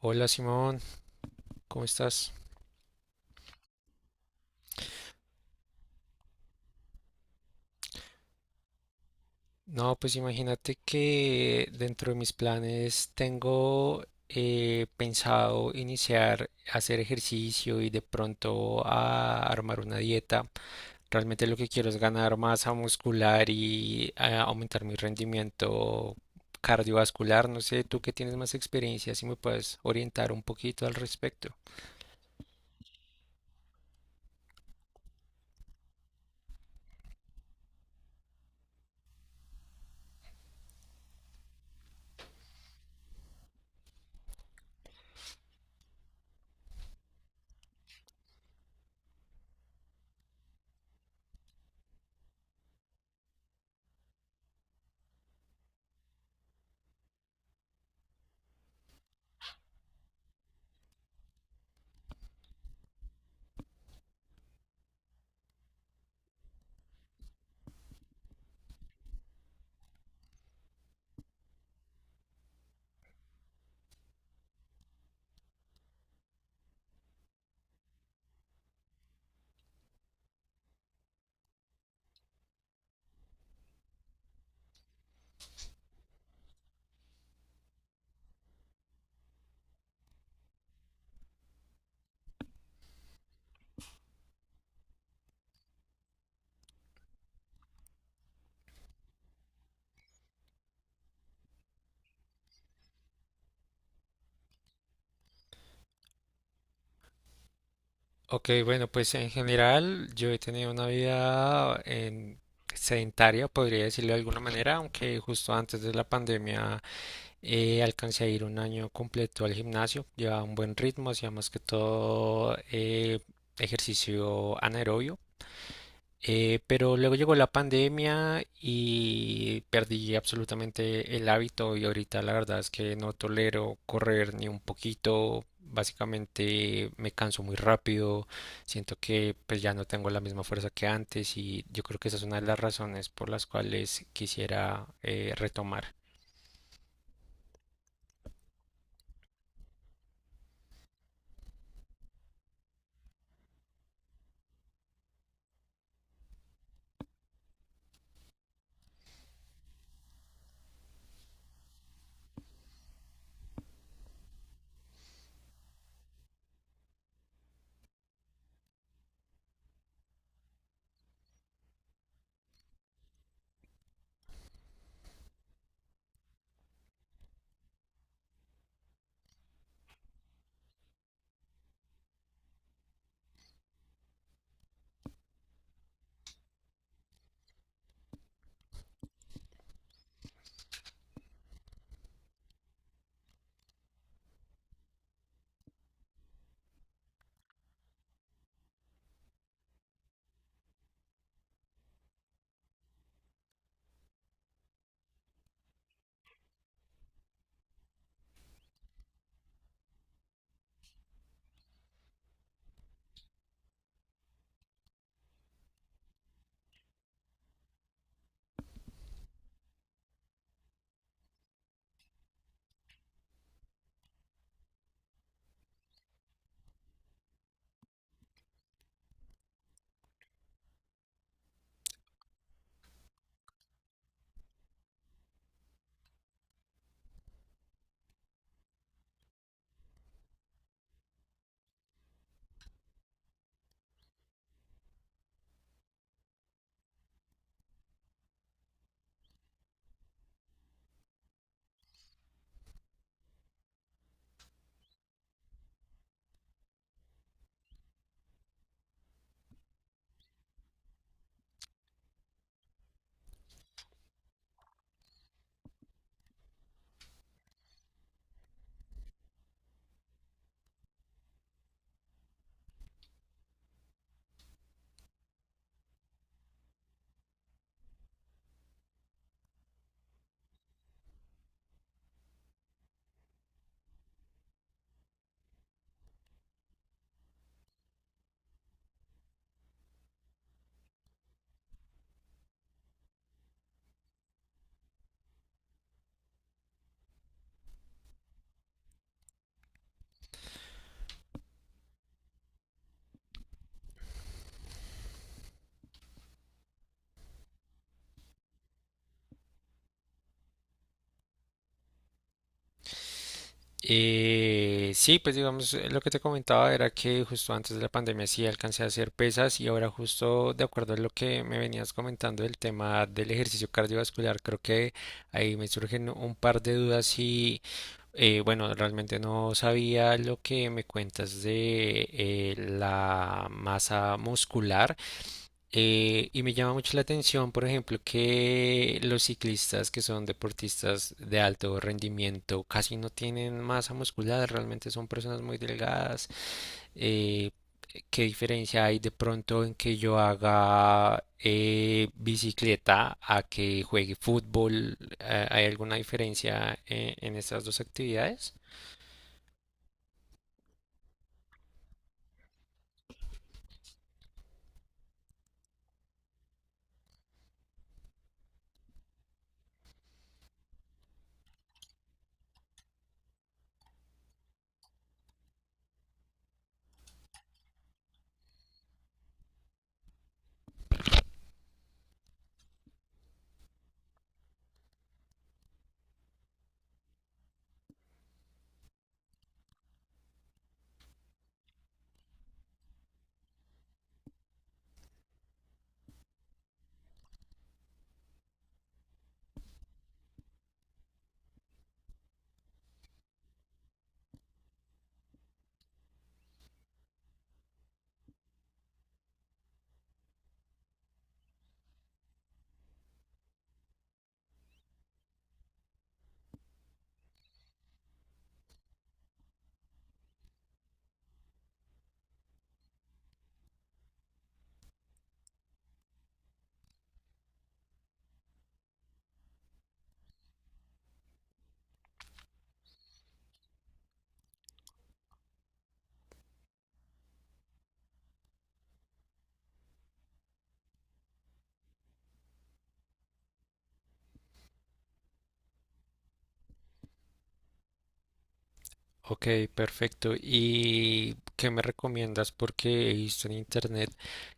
Hola Simón, ¿cómo estás? No, pues imagínate que dentro de mis planes tengo pensado iniciar a hacer ejercicio y de pronto a armar una dieta. Realmente lo que quiero es ganar masa muscular y aumentar mi rendimiento cardiovascular. No sé, tú que tienes más experiencia, si me puedes orientar un poquito al respecto. Ok, bueno, pues en general yo he tenido una vida sedentaria, podría decirlo de alguna manera, aunque justo antes de la pandemia alcancé a ir un año completo al gimnasio, llevaba un buen ritmo, hacía más que todo ejercicio anaerobio. Pero luego llegó la pandemia y perdí absolutamente el hábito y ahorita la verdad es que no tolero correr ni un poquito. Básicamente me canso muy rápido, siento que pues ya no tengo la misma fuerza que antes y yo creo que esa es una de las razones por las cuales quisiera retomar. Sí, pues digamos, lo que te comentaba era que justo antes de la pandemia sí alcancé a hacer pesas y ahora justo de acuerdo a lo que me venías comentando del tema del ejercicio cardiovascular, creo que ahí me surgen un par de dudas y bueno, realmente no sabía lo que me cuentas de la masa muscular. Y me llama mucho la atención, por ejemplo, que los ciclistas que son deportistas de alto rendimiento casi no tienen masa muscular, realmente son personas muy delgadas. Eh, ¿Qué diferencia hay de pronto en que yo haga bicicleta a que juegue fútbol? ¿Hay alguna diferencia en estas dos actividades? Ok, perfecto. ¿Y qué me recomiendas? Porque he visto en internet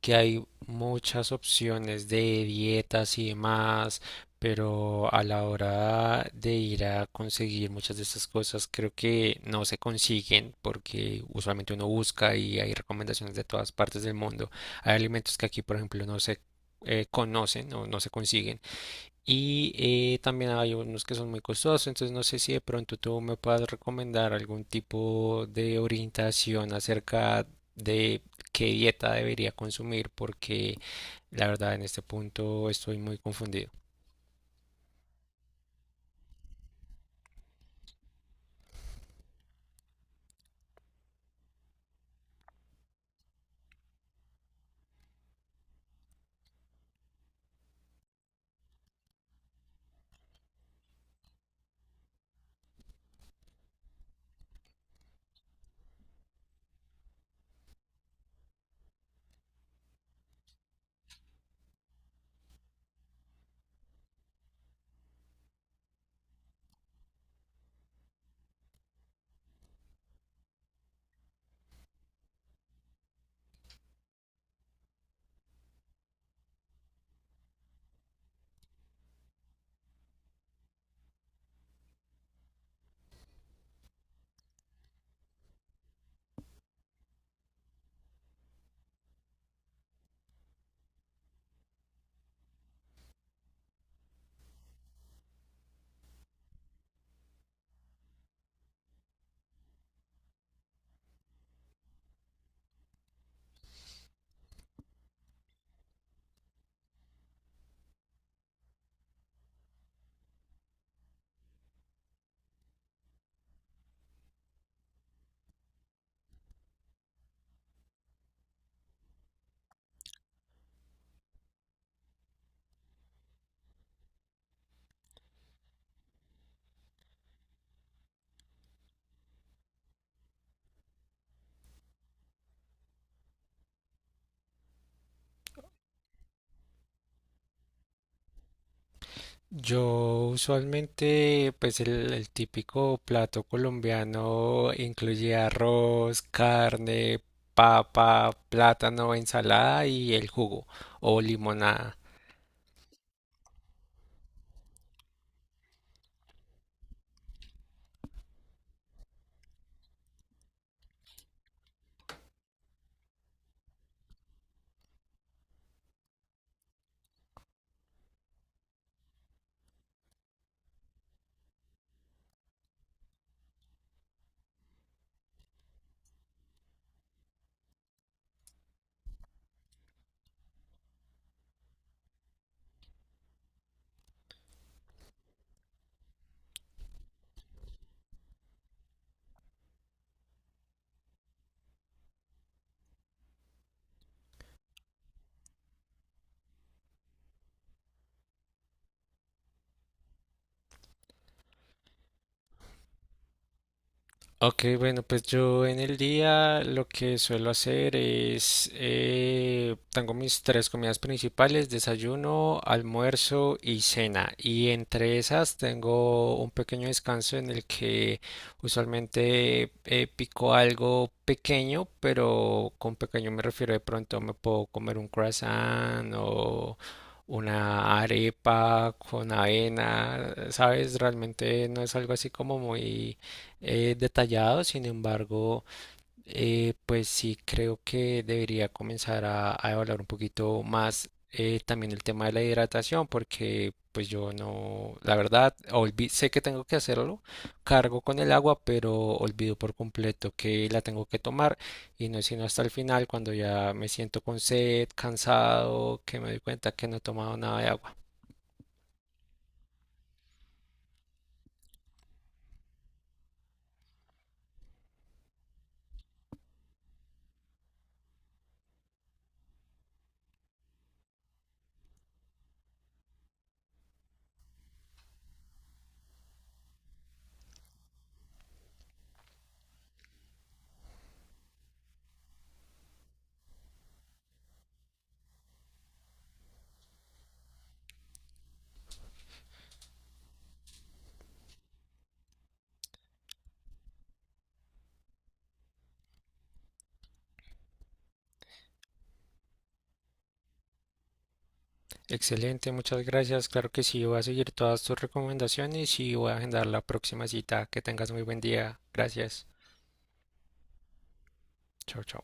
que hay muchas opciones de dietas y demás, pero a la hora de ir a conseguir muchas de estas cosas creo que no se consiguen porque usualmente uno busca y hay recomendaciones de todas partes del mundo. Hay alimentos que aquí, por ejemplo, no se conocen o no se consiguen. Y también hay unos que son muy costosos, entonces no sé si de pronto tú me puedas recomendar algún tipo de orientación acerca de qué dieta debería consumir, porque la verdad en este punto estoy muy confundido. Yo usualmente, pues el típico plato colombiano incluye arroz, carne, papa, plátano, ensalada y el jugo o limonada. Ok, bueno, pues yo en el día lo que suelo hacer es, tengo mis tres comidas principales, desayuno, almuerzo y cena. Y entre esas tengo un pequeño descanso en el que usualmente pico algo pequeño, pero con pequeño me refiero de pronto me puedo comer un croissant o una arepa con avena, ¿sabes? Realmente no es algo así como muy detallado, sin embargo, pues sí creo que debería comenzar a evaluar un poquito más también el tema de la hidratación, porque pues yo no, la verdad, sé que tengo que hacerlo, cargo con el agua, pero olvido por completo que la tengo que tomar y no es sino hasta el final cuando ya me siento con sed, cansado, que me doy cuenta que no he tomado nada de agua. Excelente, muchas gracias. Claro que sí, voy a seguir todas tus recomendaciones y voy a agendar la próxima cita. Que tengas muy buen día. Gracias. Chao, chao.